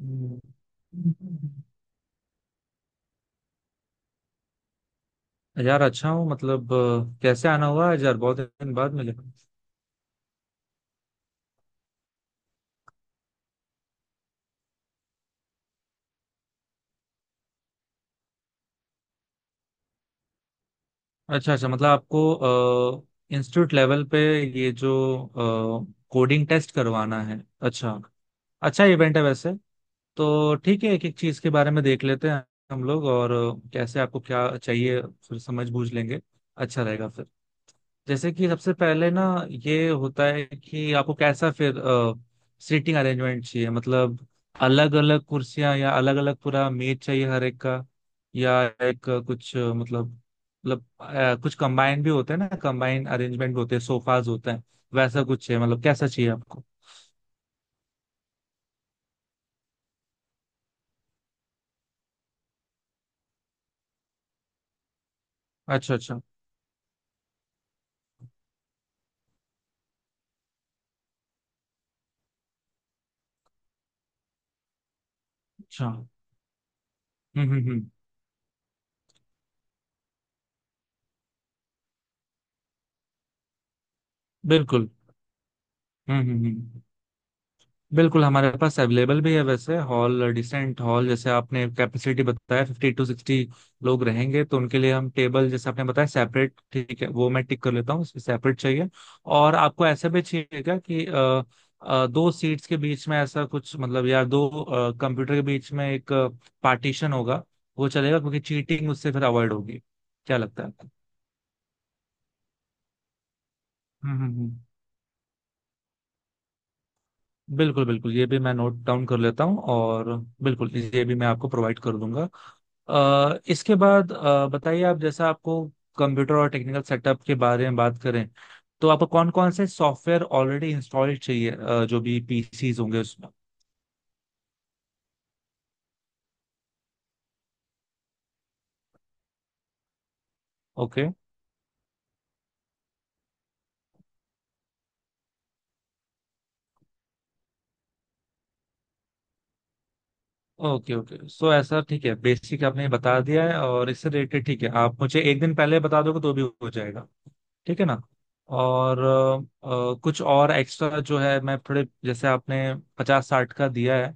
हम्म। यार अच्छा हूँ मतलब, कैसे आना हुआ है यार? बहुत दिन बाद मिले। अच्छा, अच्छा, मतलब आपको इंस्टीट्यूट लेवल पे ये जो कोडिंग टेस्ट करवाना है। अच्छा। अच्छा इवेंट है वैसे। तो ठीक है, एक एक चीज के बारे में देख लेते हैं हम लोग, और कैसे आपको क्या चाहिए फिर समझ बूझ लेंगे। अच्छा रहेगा फिर। जैसे कि सबसे पहले ना, ये होता है कि आपको कैसा फिर सीटिंग अरेंजमेंट चाहिए, मतलब अलग अलग कुर्सियां या अलग अलग पूरा मेज चाहिए हर एक का, या एक कुछ मतलब कुछ कंबाइन भी होते हैं ना, कंबाइन अरेंजमेंट होते हैं, सोफाज होते हैं। वैसा कुछ है मतलब? कैसा चाहिए आपको? अच्छा, अच्छा, अच्छा। हम्म, हम्म, हम्म। बिल्कुल। हम्म, हम्म, हम्म। बिल्कुल, हमारे पास अवेलेबल भी है वैसे हॉल, डिसेंट हॉल। जैसे आपने कैपेसिटी बताया 50 to 60 लोग रहेंगे, तो उनके लिए हम टेबल जैसे आपने बताया सेपरेट, ठीक है, वो मैं टिक कर लेता हूँ, सेपरेट चाहिए। और आपको ऐसा भी चाहिए क्या कि दो सीट्स के बीच में ऐसा कुछ, मतलब या दो कंप्यूटर के बीच में एक पार्टीशन होगा, वो चलेगा? क्योंकि चीटिंग उससे फिर अवॉइड होगी। क्या लगता है आपको? हम्म, हम्म, बिल्कुल बिल्कुल, ये भी मैं नोट डाउन कर लेता हूँ, और बिल्कुल ये भी मैं आपको प्रोवाइड कर दूंगा। इसके बाद बताइए आप। जैसा आपको कंप्यूटर और टेक्निकल सेटअप के बारे में बात करें, तो आपको कौन कौन से सॉफ्टवेयर ऑलरेडी इंस्टॉल्ड चाहिए जो भी पीसीज होंगे उसमें। Okay, okay, okay. सो ऐसा ठीक है, बेसिक आपने बता दिया है, और इससे रिलेटेड ठीक है, आप मुझे एक दिन पहले बता दोगे तो भी हो जाएगा। ठीक है ना। और कुछ और एक्स्ट्रा जो है, मैं थोड़े, जैसे आपने 50-60 का दिया है,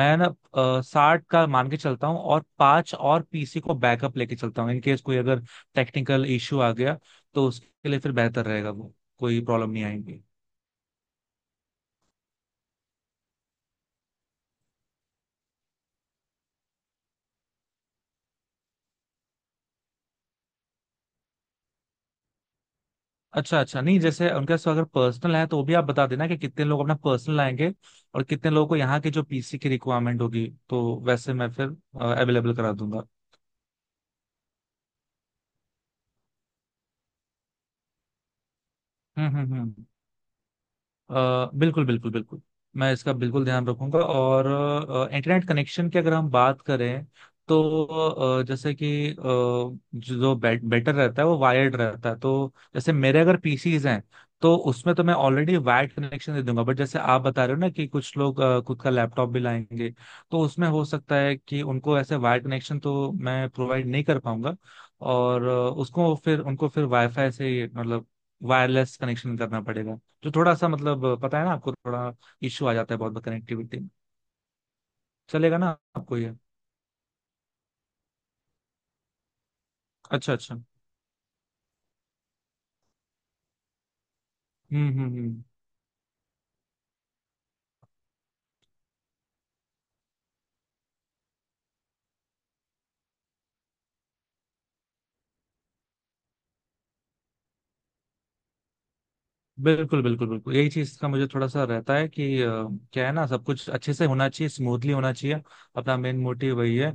मैं ना 60 का मान के चलता हूँ, और पांच और पीसी को बैकअप लेके चलता हूँ इन केस कोई अगर टेक्निकल इश्यू आ गया, तो उसके लिए फिर बेहतर रहेगा, वो कोई प्रॉब्लम नहीं आएगी। अच्छा, अच्छा। नहीं, जैसे उनके पास अगर पर्सनल है, तो वो भी आप बता देना कि कितने लोग अपना पर्सनल आएंगे, और कितने लोगों को यहाँ के जो पीसी की रिक्वायरमेंट होगी, तो वैसे मैं फिर अवेलेबल करा दूंगा। हम्म, हम्म, हम्म। अ, बिल्कुल बिल्कुल बिल्कुल, मैं इसका बिल्कुल ध्यान रखूंगा। और इंटरनेट कनेक्शन की अगर हम बात करें, तो जैसे कि जो बेटर रहता है वो वायर्ड रहता है। तो जैसे मेरे अगर पीसीज हैं, तो उसमें तो मैं ऑलरेडी वायर्ड कनेक्शन दे दूंगा, बट जैसे आप बता रहे हो ना कि कुछ लोग खुद का लैपटॉप भी लाएंगे, तो उसमें हो सकता है कि उनको ऐसे वायर्ड कनेक्शन तो मैं प्रोवाइड नहीं कर पाऊंगा। और उसको फिर उनको फिर वाईफाई से, मतलब वायरलेस कनेक्शन करना पड़ेगा, जो थोड़ा सा, मतलब पता है ना आपको, थोड़ा इश्यू आ जाता है बहुत कनेक्टिविटी में। चलेगा ना? आपको ये? अच्छा, अच्छा। हम्म, हम्म, हम्म। बिल्कुल बिल्कुल बिल्कुल, यही चीज का मुझे थोड़ा सा रहता है कि क्या है ना, सब कुछ अच्छे से होना चाहिए, स्मूथली होना चाहिए। अपना मेन मोटिव वही है।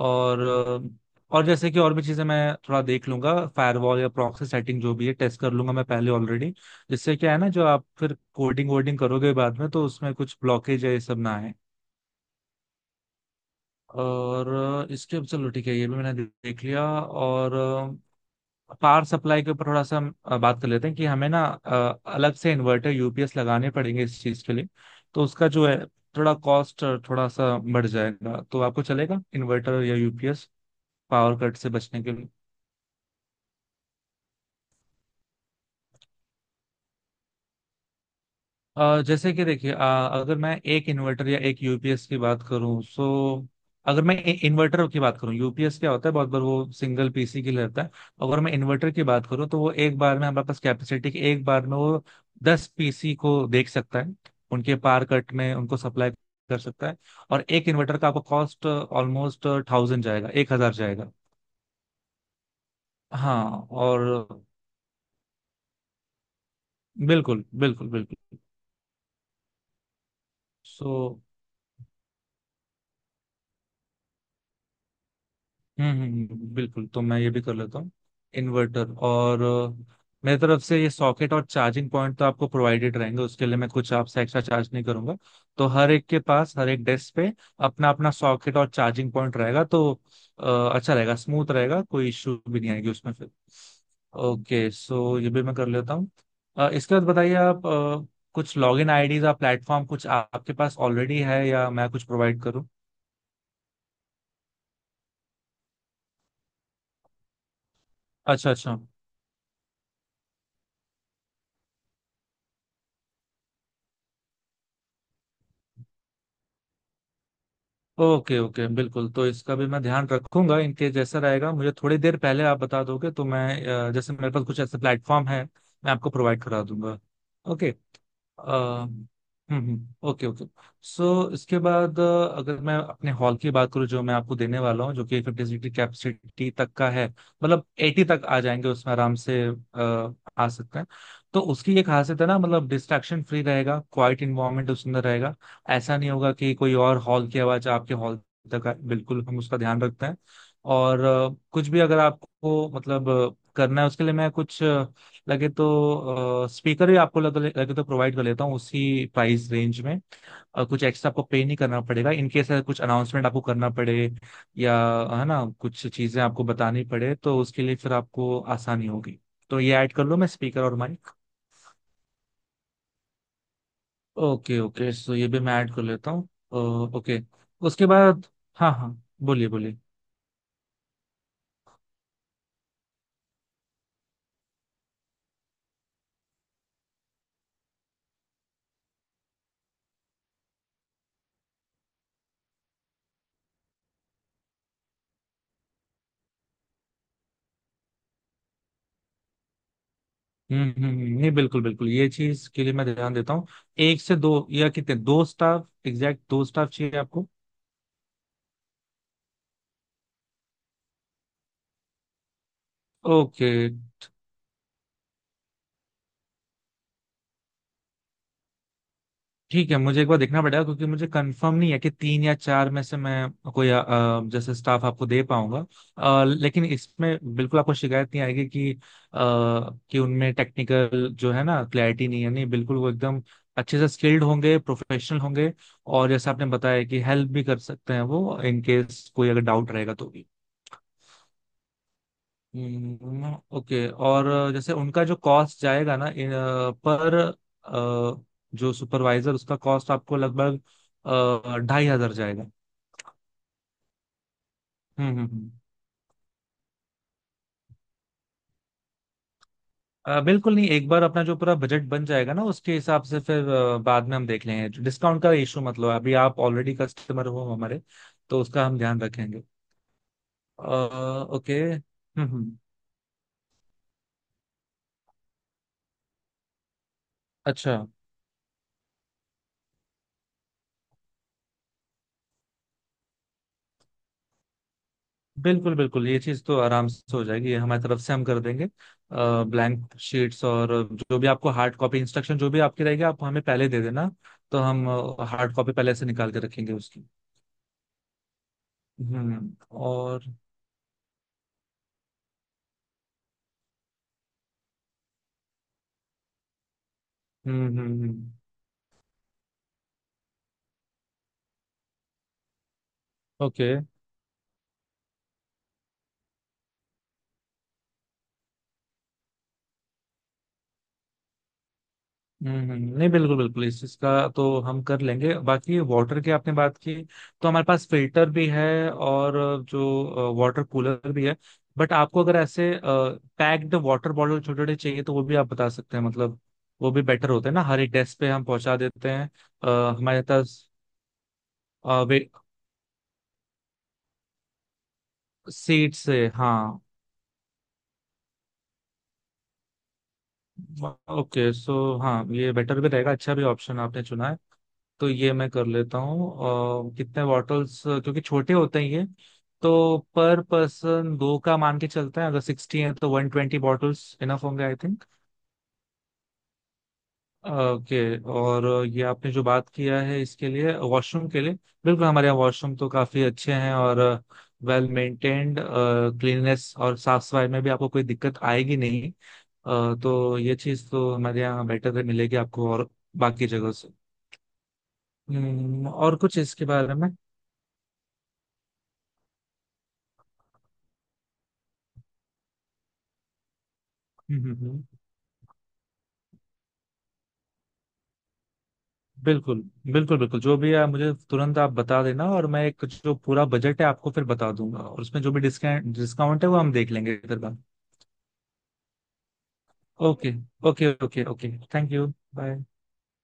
और जैसे कि और भी चीजें मैं थोड़ा देख लूंगा, फायरवॉल या प्रॉक्सी सेटिंग जो भी है, टेस्ट कर लूंगा मैं पहले ऑलरेडी, जिससे क्या है ना, जो आप फिर कोडिंग वोडिंग करोगे बाद में, तो उसमें कुछ ब्लॉकेज है ये सब ना आए। और इसके, चलो ठीक है, ये भी मैंने देख लिया। और पावर सप्लाई के ऊपर थोड़ा सा हम बात कर लेते हैं, कि हमें ना अलग से इन्वर्टर यूपीएस लगाने पड़ेंगे इस चीज के लिए। तो उसका जो है थोड़ा कॉस्ट, थोड़ा सा बढ़ जाएगा। तो आपको चलेगा इन्वर्टर या यूपीएस पावर कट से बचने के लिए? जैसे कि देखिए, अगर मैं एक इन्वर्टर या एक यूपीएस की बात करूं, सो अगर मैं इन्वर्टर की बात करूं, यूपीएस क्या होता है, बहुत बार वो सिंगल पीसी के लिए रहता है। अगर मैं इन्वर्टर की बात करूं, तो वो एक बार में, हमारे पास कैपेसिटी की, एक बार में वो 10 पीसी को देख सकता है, उनके पार कट में उनको सप्लाई कर सकता है। और एक इन्वर्टर का आपको कॉस्ट ऑलमोस्ट 1,000 जाएगा, 1,000 जाएगा। हाँ। और बिल्कुल बिल्कुल बिल्कुल। सो हम्म, बिल्कुल, तो मैं ये भी कर लेता हूँ, इन्वर्टर। और मेरी तरफ से ये सॉकेट और चार्जिंग पॉइंट तो आपको प्रोवाइडेड रहेंगे, उसके लिए मैं कुछ आपसे एक्स्ट्रा चार्ज नहीं करूंगा। तो हर एक के पास, हर एक डेस्क पे अपना अपना सॉकेट और चार्जिंग पॉइंट रहेगा, तो अ, अच्छा रहेगा, स्मूथ रहेगा, कोई इश्यू भी नहीं आएगी उसमें फिर। ओके, सो ये भी मैं कर लेता हूँ। इसके बाद बताइए आप, कुछ लॉगिन आईडीज या प्लेटफॉर्म कुछ आपके पास ऑलरेडी है, या मैं कुछ प्रोवाइड करूँ? अच्छा, अच्छा। ओके, ओके, बिल्कुल, तो इसका भी मैं ध्यान रखूंगा। इनके जैसा रहेगा, मुझे थोड़ी देर पहले आप बता दोगे, तो मैं जैसे मेरे पास कुछ ऐसे प्लेटफॉर्म है, मैं आपको प्रोवाइड करा दूंगा। Okay, okay, okay. सो इसके बाद, अगर मैं अपने हॉल की बात करूँ, जो मैं आपको देने वाला हूँ, जो कि 50 सीट की कैपेसिटी तक का है, मतलब 80 तक आ जाएंगे उसमें आराम से, आ सकते हैं। तो उसकी ये खासियत है ना, मतलब डिस्ट्रैक्शन फ्री रहेगा, क्वाइट इन्वायरमेंट उसके अंदर रहेगा। ऐसा नहीं होगा कि कोई और हॉल की आवाज आपके हॉल तक आए, बिल्कुल हम उसका ध्यान रखते हैं। और कुछ भी अगर आपको, मतलब करना है, उसके लिए मैं कुछ लगे तो स्पीकर भी आपको लगे तो प्रोवाइड कर लेता हूँ उसी प्राइस रेंज में। और कुछ एक्स्ट्रा आपको पे नहीं करना पड़ेगा इन केस कुछ अनाउंसमेंट आपको करना पड़े, या है ना कुछ चीजें आपको बतानी पड़े, तो उसके लिए फिर आपको आसानी होगी। तो ये ऐड कर लो, मैं स्पीकर और माइक। ओके, ओके, सो ये भी मैं ऐड कर लेता हूँ। ओके। उसके बाद, हाँ हाँ, बोलिए बोलिए। हम्म, हम्म, नहीं बिल्कुल बिल्कुल, ये चीज के लिए मैं ध्यान देता हूँ। एक से दो या कितने? दो स्टाफ, एग्जैक्ट दो स्टाफ चाहिए आपको? ओके। ठीक है, मुझे एक बार देखना पड़ेगा, क्योंकि मुझे कंफर्म नहीं है कि तीन या चार में से मैं कोई जैसे स्टाफ आपको दे पाऊंगा। लेकिन इसमें बिल्कुल आपको शिकायत नहीं आएगी कि उनमें टेक्निकल जो है ना, क्लैरिटी नहीं है, नहीं बिल्कुल वो एकदम अच्छे से स्किल्ड होंगे, प्रोफेशनल होंगे। और जैसे आपने बताया कि हेल्प भी कर सकते हैं वो इन केस कोई अगर डाउट रहेगा तो। ओके। और जैसे उनका जो कॉस्ट जाएगा ना, इन, अ, पर अ, जो सुपरवाइजर उसका कॉस्ट आपको लगभग 2,500 जाएगा। हम्म, हम्म, बिल्कुल नहीं, एक बार अपना जो पूरा बजट बन जाएगा ना, उसके हिसाब से फिर बाद में हम देख लेंगे डिस्काउंट का इशू, मतलब अभी आप ऑलरेडी कस्टमर हो हमारे, तो उसका हम ध्यान रखेंगे। अ, ओके। हम्म, हम्म। अच्छा, बिल्कुल बिल्कुल ये चीज तो आराम से हो जाएगी, ये हमारी तरफ से हम कर देंगे। ब्लैंक शीट्स और जो भी आपको हार्ड कॉपी इंस्ट्रक्शन जो भी आपकी रहेगी, आप हमें पहले दे देना, तो हम हार्ड कॉपी पहले से निकाल के रखेंगे उसकी। और हम्म, हम्म, ओके। हम्म, नहीं बिल्कुल बिल्कुल, इस चीज का तो हम कर लेंगे। बाकी वाटर की आपने बात की, तो हमारे पास फिल्टर भी है, और जो वाटर कूलर भी है, बट आपको अगर ऐसे पैक्ड वाटर बॉटल छोटे छोटे चाहिए, तो वो भी आप बता सकते हैं, मतलब वो भी बेटर होते हैं ना, हर एक डेस्क पे हम पहुंचा देते हैं। हमारे पास। सीट से, हाँ। ओके, सो हाँ ये बेटर भी रहेगा, अच्छा भी ऑप्शन आपने चुना है। तो ये मैं कर लेता हूँ। कितने बॉटल्स क्योंकि छोटे होते हैं ये, तो पर पर्सन दो का मान के चलता है, अगर 60 है तो 120 बॉटल्स इनफ होंगे आई। ओके। और ये आपने जो बात किया है, इसके लिए वॉशरूम के लिए बिल्कुल, हमारे यहाँ वॉशरूम तो काफी अच्छे हैं और वेल मेंटेन्ड, क्लीननेस और साफ सफाई में भी आपको कोई दिक्कत आएगी नहीं। तो ये चीज तो हमारे यहाँ बेटर है, मिलेगी आपको, और बाकी जगह से। और कुछ इसके बारे में? हम्म, हम्म, हम्म, बिल्कुल बिल्कुल बिल्कुल, जो भी है मुझे तुरंत आप बता देना, और मैं एक जो पूरा बजट है आपको फिर बता दूंगा, और उसमें जो भी डिस्काउंट डिस्काउंट है वो हम देख लेंगे फिर बाद। Okay, okay, okay, okay, thank you. Bye.